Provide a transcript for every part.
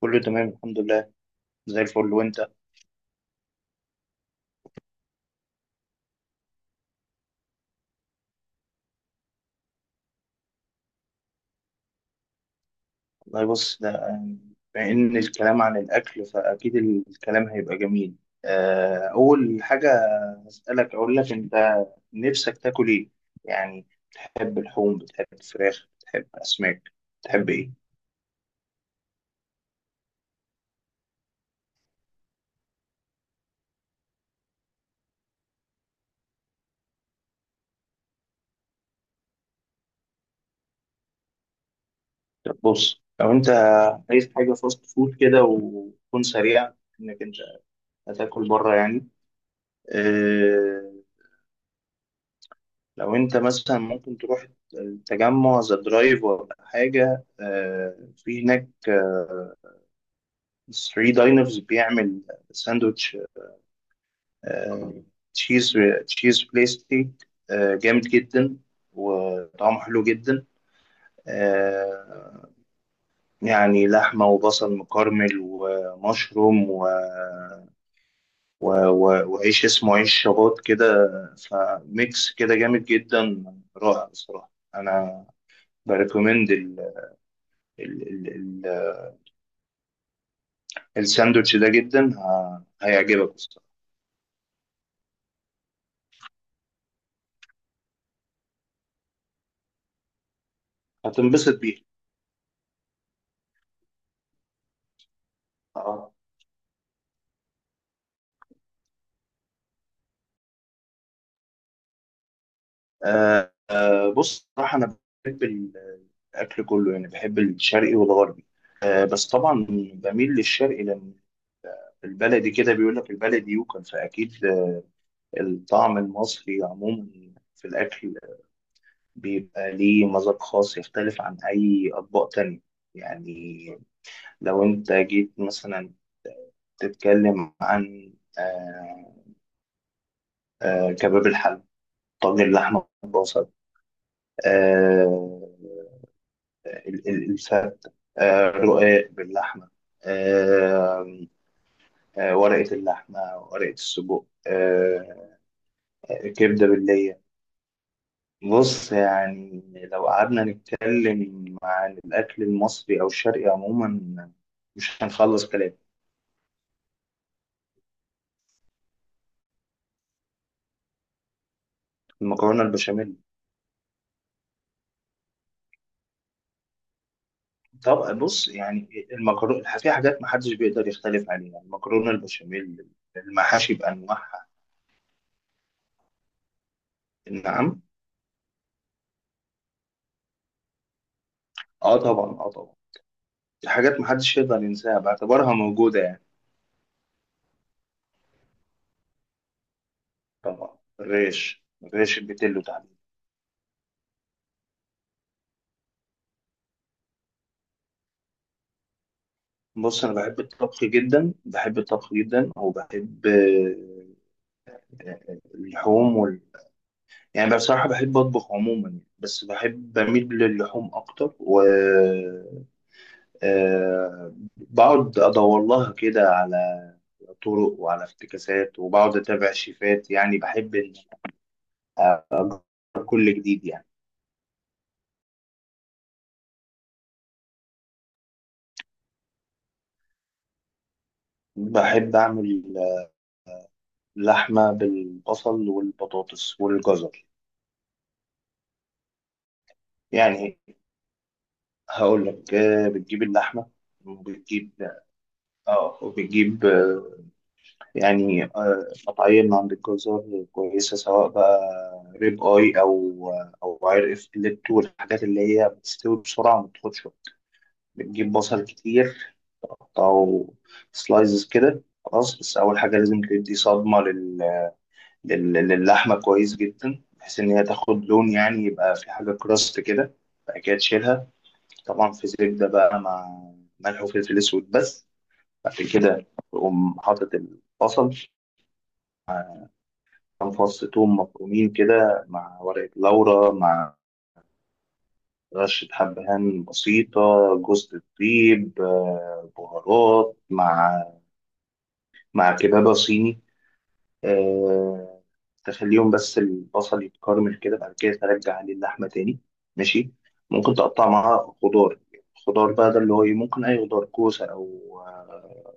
كله تمام الحمد لله. زي الفل وانت؟ والله بص ده، بما ان الكلام عن الاكل فاكيد الكلام هيبقى جميل. اول حاجه هسالك اقول لك انت نفسك تاكل ايه؟ يعني بتحب لحوم؟ بتحب فراخ؟ بتحب اسماك؟ بتحب ايه؟ طب بص، لو انت عايز حاجه فاست فود كده وتكون سريعه انك انت هتاكل بره يعني، آه، لو انت مثلا ممكن تروح تجمع ذا درايف ولا حاجة في هناك ثري داينرز بيعمل ساندوتش آه، تشيز. تشيز بلاستيك جامد جدا وطعمه حلو جدا. آه، يعني لحمة وبصل مكرمل ومشروم وعيش اسمه عيش شباط كده، فميكس كده جامد جدا، رائع بصراحة. أنا بريكومند الساندوتش ده جدا، هيعجبك الصراحة، هتنبسط بيه. اه، بص صراحة أنا بحب الأكل كله، يعني بحب الشرقي والغربي. بس طبعا بميل للشرقي لأن البلدي كده، بيقول لك البلدي يوكل فأكيد. الطعم المصري عموما في الأكل بيبقى ليه مذاق خاص يختلف عن أي أطباق تانية. يعني لو أنت جيت مثلا تتكلم عن آه، كباب الحل، طاجن اللحمة بالبصل، آه، الفتة، آه، رقاق باللحمة، آه، آه، ورقة اللحمة، ورقة السجق، آه، كبدة باللية. بص يعني لو قعدنا نتكلم عن الأكل المصري أو الشرقي عموما مش هنخلص كلام. المكرونة البشاميل. طب بص يعني المكرونة في حاجات محدش بيقدر يختلف عليها، المكرونة البشاميل، المحاشي بأنواعها. نعم. اه طبعا، اه طبعا، دي حاجات محدش يقدر ينساها، بعتبرها موجودة يعني. طبعا الريش، الريش البيتلو تحديدا. بص أنا بحب الطبخ جدا، بحب الطبخ جدا، وبحب اللحوم وال... يعني بصراحة بحب أطبخ عموما يعني. بس بحب، بميل للحوم أكتر، و بقعد أدور لها كده على طرق وعلى افتكاسات، وبقعد أتابع شيفات، يعني بحب إن أجرب كل جديد يعني. بحب أعمل لحمة بالبصل والبطاطس والجزر. يعني هقول لك، بتجيب اللحمة وبتجيب، اه، وبتجيب يعني قطعية من عند الجزار كويسة، سواء بقى ريب اي او او عرق فيليتو والحاجات اللي هي بتستوي بسرعة وما بتاخدش وقت. بتجيب بصل كتير، تقطعه سلايزز كده، خلاص. بس أول حاجة لازم تدي صدمة للحمة كويس جدا، بحيث إن هي تاخد لون، يعني يبقى في حاجة كراست كده. بعد كده تشيلها. طبعا في زبدة بقى مع ملح وفلفل أسود بس. بعد كده تقوم حاطط البصل، كام فص توم مفرومين كده، مع ورقة لورا، مع رشة حبهان بسيطة، جوز الطيب، بهارات، مع مع كبابة صيني، آه، تخليهم بس البصل يتكرمل كده. بعد كده ترجع عليه اللحمة تاني ماشي. ممكن تقطع معاها خضار، خضار بقى ده اللي هو إيه، ممكن أي خضار، كوسة أو آه،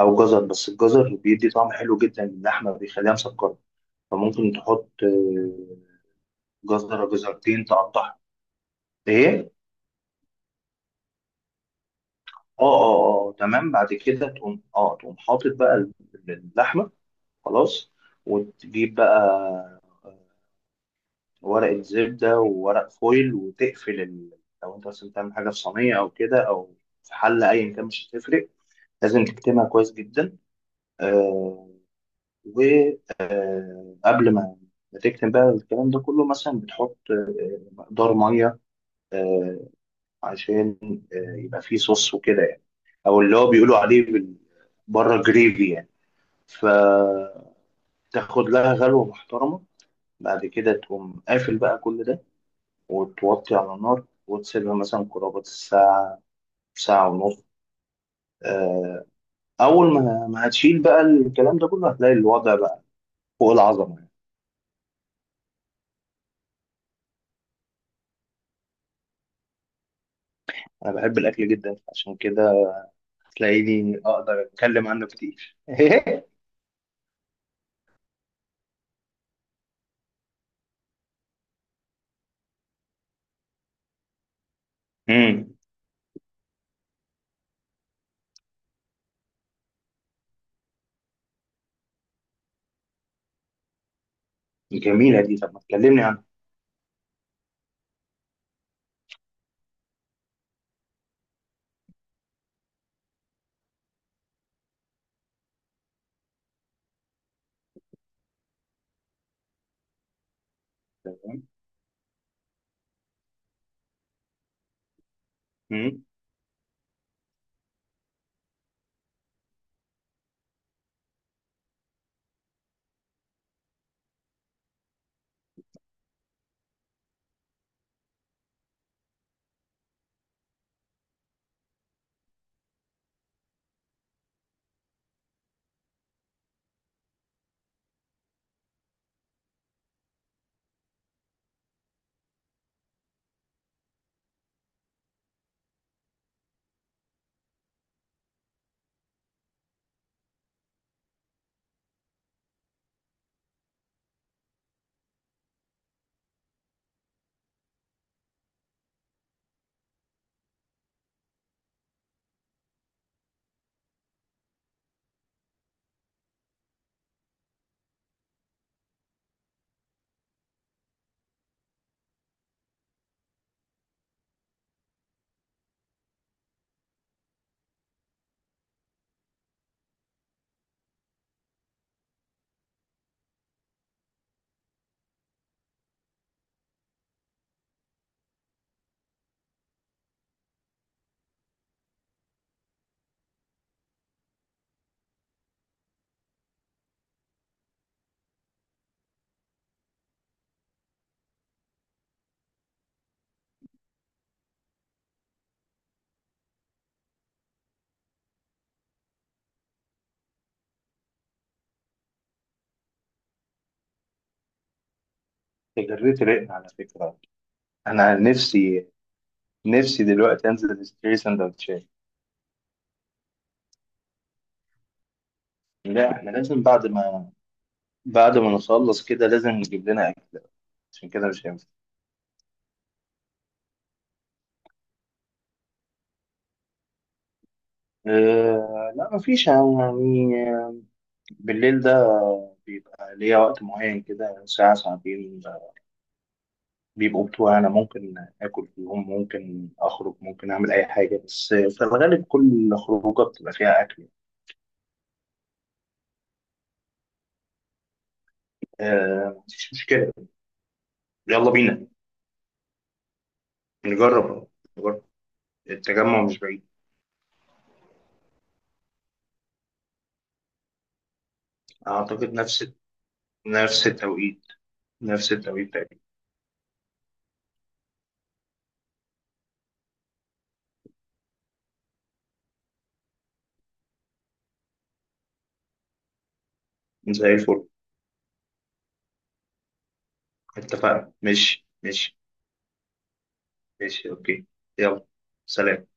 أو جزر، بس الجزر بيدي طعم حلو جدا للحمة، بيخليها مسكرة. فممكن تحط جزرة، جزرتين، تقطعها. إيه؟ آه آه آه تمام. بعد كده تقوم، آه، تقوم حاطط بقى اللحمة خلاص، وتجيب بقى ورقة زبدة وورق فويل وتقفل ال... لو انت مثلا بتعمل حاجة في صينية أو كده، أو في حلة أيا كان مش هتفرق، لازم تكتمها كويس جدا. آه، وقبل ما ما تكتم بقى الكلام ده كله، مثلا بتحط مقدار مية، آه، عشان، آه، يبقى فيه صوص وكده يعني، أو اللي هو بيقولوا عليه بال... بره جريفي يعني. فتاخد لها غلوة محترمة. بعد كده تقوم قافل بقى كل ده، وتوطي على نار، وتسيبها مثلا قرابة الساعة، ساعة ونص. آه، أول ما ما هتشيل بقى الكلام ده كله هتلاقي الوضع بقى فوق العظمة يعني. أنا بحب الأكل جدا، عشان كده تلاقيني أقدر أتكلم عنه كتير. امم جميلة دي، طب ما تكلمني عنها. تمام. امم جريت رقنا على فكرة. أنا نفسي، نفسي دلوقتي أنزل أشتري سندوتشات. لا إحنا لازم بعد ما، بعد ما نخلص كده لازم نجيب لنا أكل، عشان كده مش هينفع. أه لا مفيش يعني، بالليل ده بيبقى ليا وقت معين كده، ساعة ساعتين بيبقوا بتوع أنا، ممكن آكل فيهم، ممكن أخرج، ممكن أعمل أي حاجة، بس في الغالب كل خروجة بتبقى فيها أكل. أه مفيش مشكلة. يلا بينا نجرب، نجرب، التجمع مش بعيد. أعتقد نفس، نفس التوقيت، نفس التوقيت تقريبا. زي الفل. اتفقنا، ماشي ماشي. ماشي أوكي. يلا. سلام.